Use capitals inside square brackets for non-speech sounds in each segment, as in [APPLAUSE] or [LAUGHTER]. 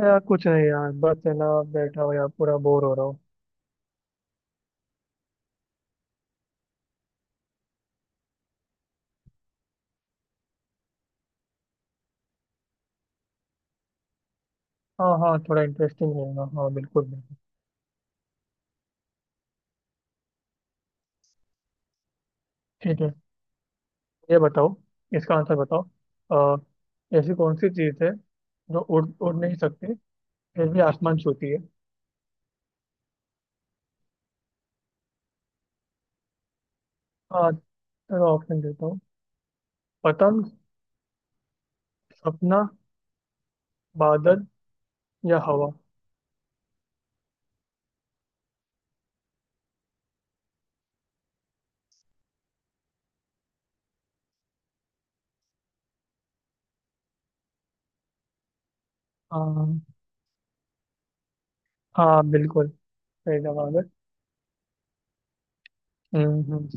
यार कुछ नहीं यार, बस है ना, बैठा हुआ यार पूरा बोर हो रहा हूँ। हाँ हाँ, थोड़ा इंटरेस्टिंग रहेगा, हाँ बिल्कुल बिल्कुल। ठीक है, ये बताओ, इसका आंसर बताओ। ऐसी कौन सी चीज़ है जो उड़ उड़ नहीं सकती, फिर भी आसमान छूती है? हाँ, चलो ऑप्शन देता हूँ। पतंग, सपना, बादल या हवा? हाँ, हाँ बिल्कुल सही जवाब है। हम्म।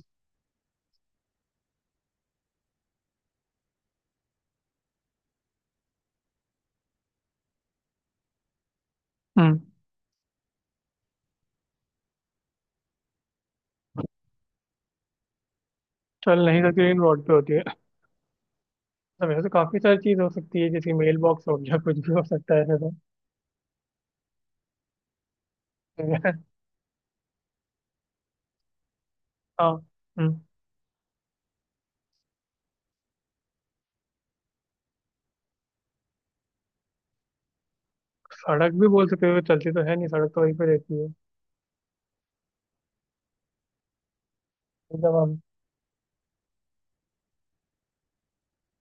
हम्म। चल नहीं सकती लेकिन रोड पे होती है? तो वैसे तो काफी सारी चीज हो सकती है, जैसे मेल बॉक्स हो गया, कुछ भी हो सकता है ऐसा। तो। हाँ। हम्म, सड़क भी बोल सकते हो, चलती तो है नहीं, सड़क तो वहीं पे रहती है। एकदम हम।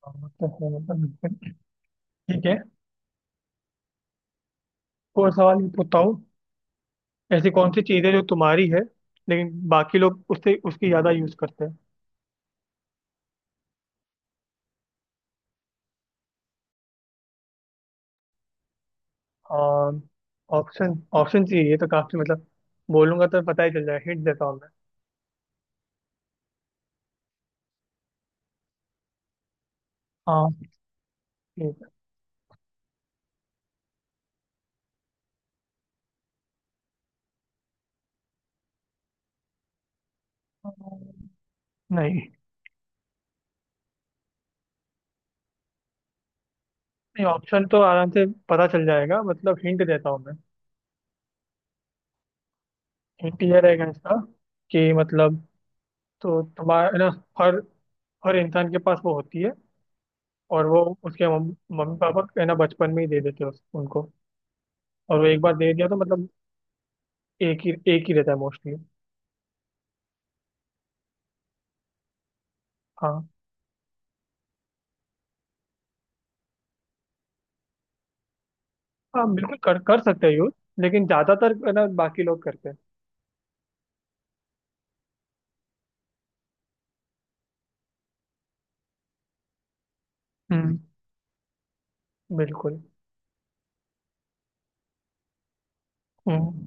हाँ, वो तो है, मतलब। ठीक है, और सवाल ये पूछता हूँ। ऐसी कौन सी चीज़ है जो तुम्हारी है लेकिन बाकी लोग उससे उसकी ज़्यादा यूज़ करते हैं। हाँ, ऑप्शन ऑप्शन चाहिए, ये तो काफ़ी मतलब, बोलूंगा तो पता ही चल जाएगा, हिंट देता हूँ मैं। हाँ ठीक है। अम, नहीं नहीं, ऑप्शन तो आराम से पता चल जाएगा, मतलब हिंट देता हूँ मैं। हिंट ये रहेगा इसका, कि मतलब, तो तुम्हारा है ना, हर हर इंसान के पास वो होती है, और वो उसके मम्मी पापा है ना बचपन में ही दे देते हैं उनको। और वो एक बार दे दिया तो मतलब एक ही रहता है मोस्टली। हाँ, हाँ बिल्कुल कर कर सकते हैं यूज, लेकिन ज्यादातर है ना बाकी लोग करते हैं। हम्म, बिल्कुल। हम्म।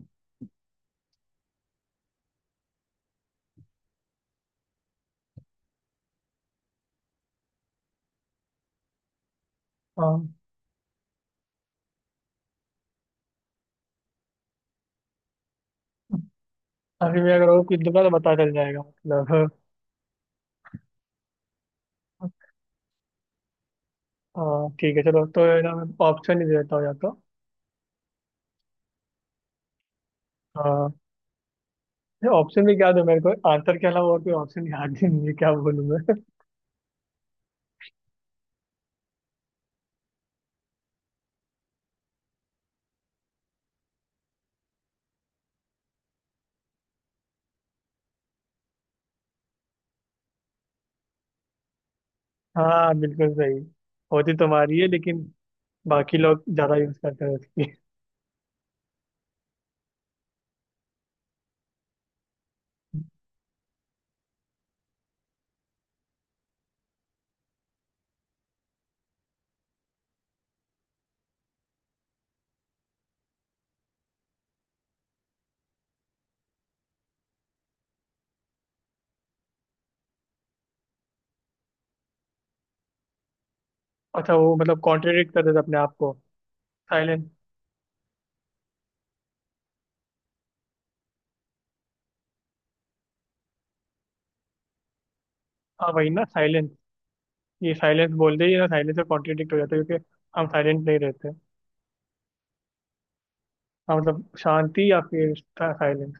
हाँ। अभी मैं अगर और कुछ दूंगा तो पता चल जाएगा, मतलब। हाँ ठीक है, चलो तो है ना, मैं ऑप्शन ही दे देता हूँ या तो। हाँ। ऑप्शन भी क्या दूं, मेरे को आंसर के अलावा और कोई ऑप्शन याद ही नहीं है, क्या बोलूँ मैं। हाँ बिल्कुल सही, होती तुम्हारी है लेकिन बाकी लोग ज्यादा यूज करते हैं उसकी। अच्छा, वो मतलब कॉन्ट्रेडिक्ट करते थे अपने आप को। साइलेंस। हाँ वही ना, साइलेंस। ये साइलेंस बोलते ही ना, साइलेंस से कॉन्ट्रेडिक्ट हो जाता है क्योंकि हम साइलेंट नहीं रहते। हाँ मतलब शांति या फिर साइलेंस।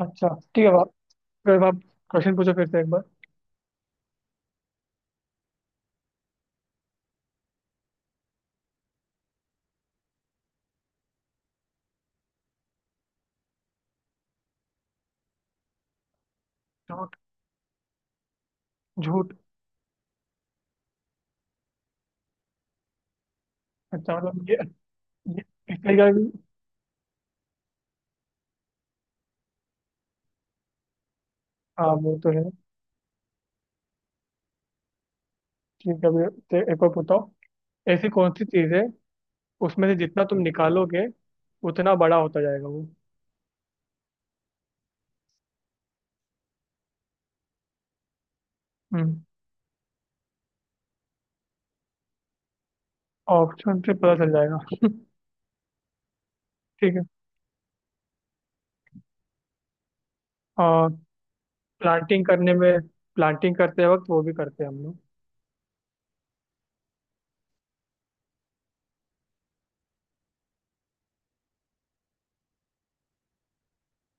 अच्छा ठीक है बाप, फिर आप क्वेश्चन पूछो फिर से एक बार। झूठ। झूठ। अच्छा मतलब ये इसका क्या भी। हाँ वो तो है, ठीक है अभी, एक और बताओ। ऐसी कौन सी चीज है उसमें से जितना तुम निकालोगे, उतना बड़ा होता जाएगा वो। हम्म, ऑप्शन से पता चल जाएगा। [LAUGHS] ठीक है। और प्लांटिंग करने में, प्लांटिंग करते वक्त वो भी करते हैं हम लोग।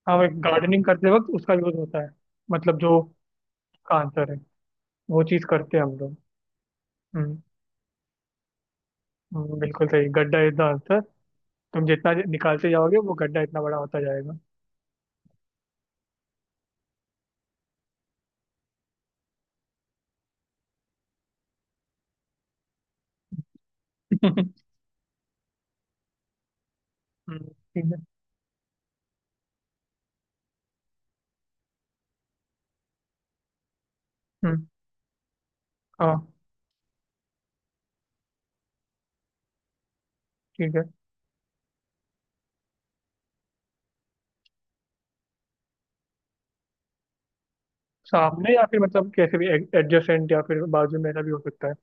हाँ वो गार्डनिंग करते वक्त उसका यूज होता है, मतलब जो का आंसर है वो चीज करते हैं हम लोग। हम्म। बिल्कुल सही, गड्ढा इतना आंसर, तुम जितना निकालते जाओगे वो गड्ढा इतना बड़ा होता जाएगा। [LAUGHS] ठीक है। हम्म। हाँ। ठीक है। सामने या फिर मतलब कैसे भी, एडजेसेंट या फिर बाजू में ऐसा भी हो सकता है?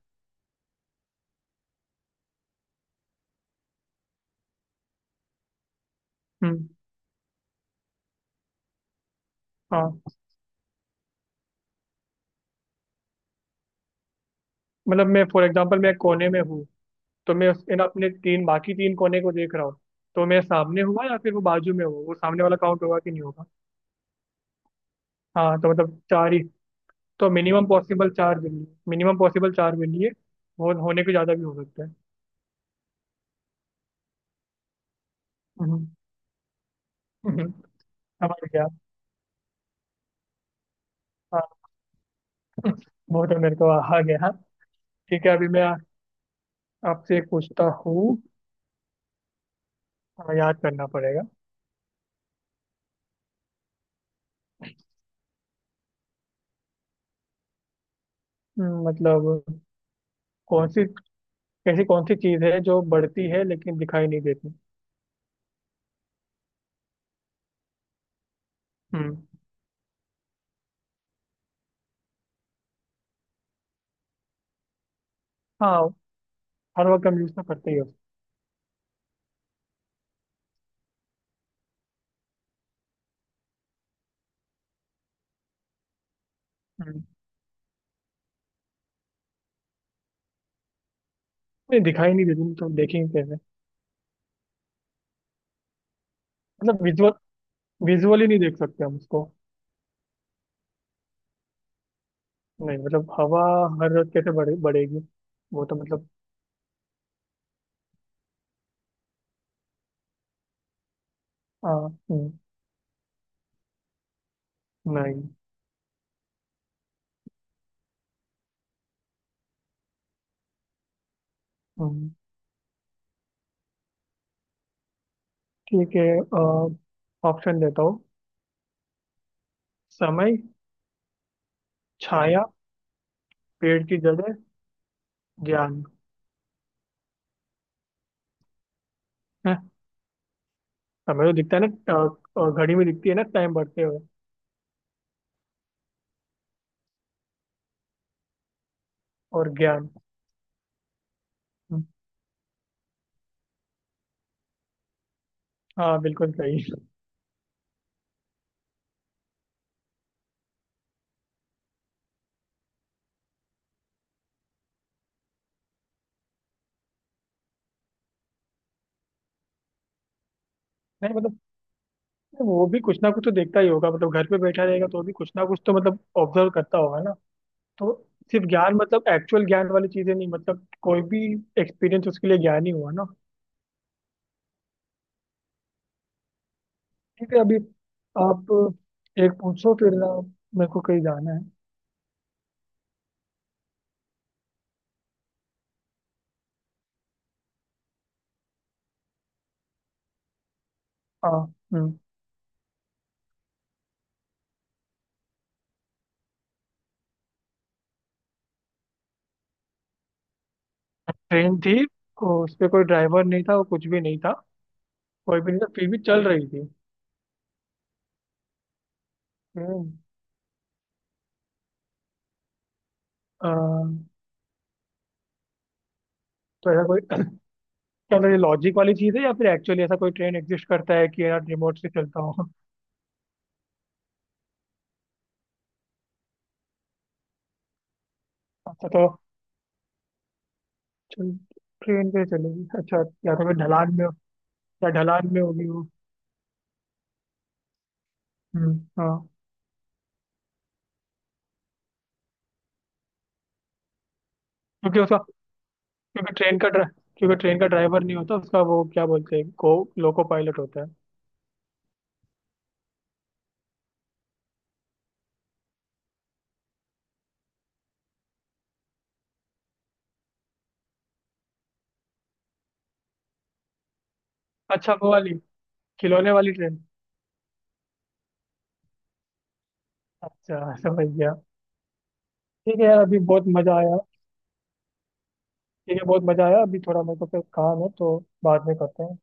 हम्म। हाँ। मतलब मैं फॉर एग्जांपल मैं कोने में हूँ, तो मैं उस इन अपने तीन बाकी तीन कोने को देख रहा हूँ, तो मैं सामने हुआ या फिर वो बाजू में हुआ, वो सामने वाला काउंट होगा कि नहीं होगा? हाँ तो मतलब चार ही। तो मिनिमम पॉसिबल चार बिल्ली है, वो होने को ज़्यादा भी हो सकता है। हम्म। हम्म, समझ गया। हाँ, वो तो मेरे को आ गया हाँ। ठीक है अभी मैं आपसे एक पूछता हूँ। हाँ, याद करना पड़ेगा। मतलब कौन सी, ऐसी कौन सी चीज़ है जो बढ़ती है लेकिन दिखाई नहीं देती? हम्म। हाँ, हर वक्त हम यूज़ तो करते ही हो। नहीं, दिखाई नहीं देती तो देखेंगे कैसे? मतलब विजुअल, विजुअली नहीं देख सकते हम उसको। नहीं मतलब हवा हर रोज कैसे बढ़ेगी, वो तो मतलब। हाँ, हम्म। नहीं। हम्म, ठीक है, ऑप्शन देता हूँ। समय। हम्म। छाया। पेड़ की जड़ें। ज्ञान। है, समय तो दिखता है ना, घड़ी में दिखती है ना टाइम बढ़ते हुए। और ज्ञान। हम्म, हाँ बिल्कुल सही। नहीं मतलब वो भी कुछ ना कुछ तो देखता ही होगा, मतलब घर पे बैठा रहेगा तो भी कुछ ना कुछ तो मतलब ऑब्जर्व करता होगा। तो सिर्फ ज्ञान मतलब एक्चुअल ज्ञान वाली चीजें नहीं, मतलब कोई भी एक्सपीरियंस उसके लिए ज्ञान ही हुआ ना। ठीक है अभी आप एक पूछो फिर ना, मेरे को कहीं जाना है। हाँ। हम्म। ट्रेन थी, उस पे कोई ड्राइवर नहीं था, वो कुछ भी नहीं था, कोई भी नहीं था फिर भी चल रही थी। हम्म। अ, तो ऐसा कोई [CLEARS THROAT] क्या मतलब ये लॉजिक वाली चीज है या फिर एक्चुअली ऐसा कोई ट्रेन एग्जिस्ट करता है कि यार रिमोट से चलता हो? [LAUGHS] अच्छा तो ट्रेन पे चलेगी, अच्छा। या तो फिर या ढलान में होगी वो। हाँ। क्योंकि उसका, क्योंकि ट्रेन का ड्रा- क्योंकि ट्रेन का ड्राइवर नहीं होता, उसका वो क्या बोलते हैं, को लोको पायलट होता है। अच्छा वो वाली, खिलौने वाली ट्रेन। अच्छा समझ गया। ठीक है यार अभी बहुत मजा आया। ठीक है बहुत मजा आया, अभी थोड़ा मेरे को फिर काम है तो बाद में करते हैं।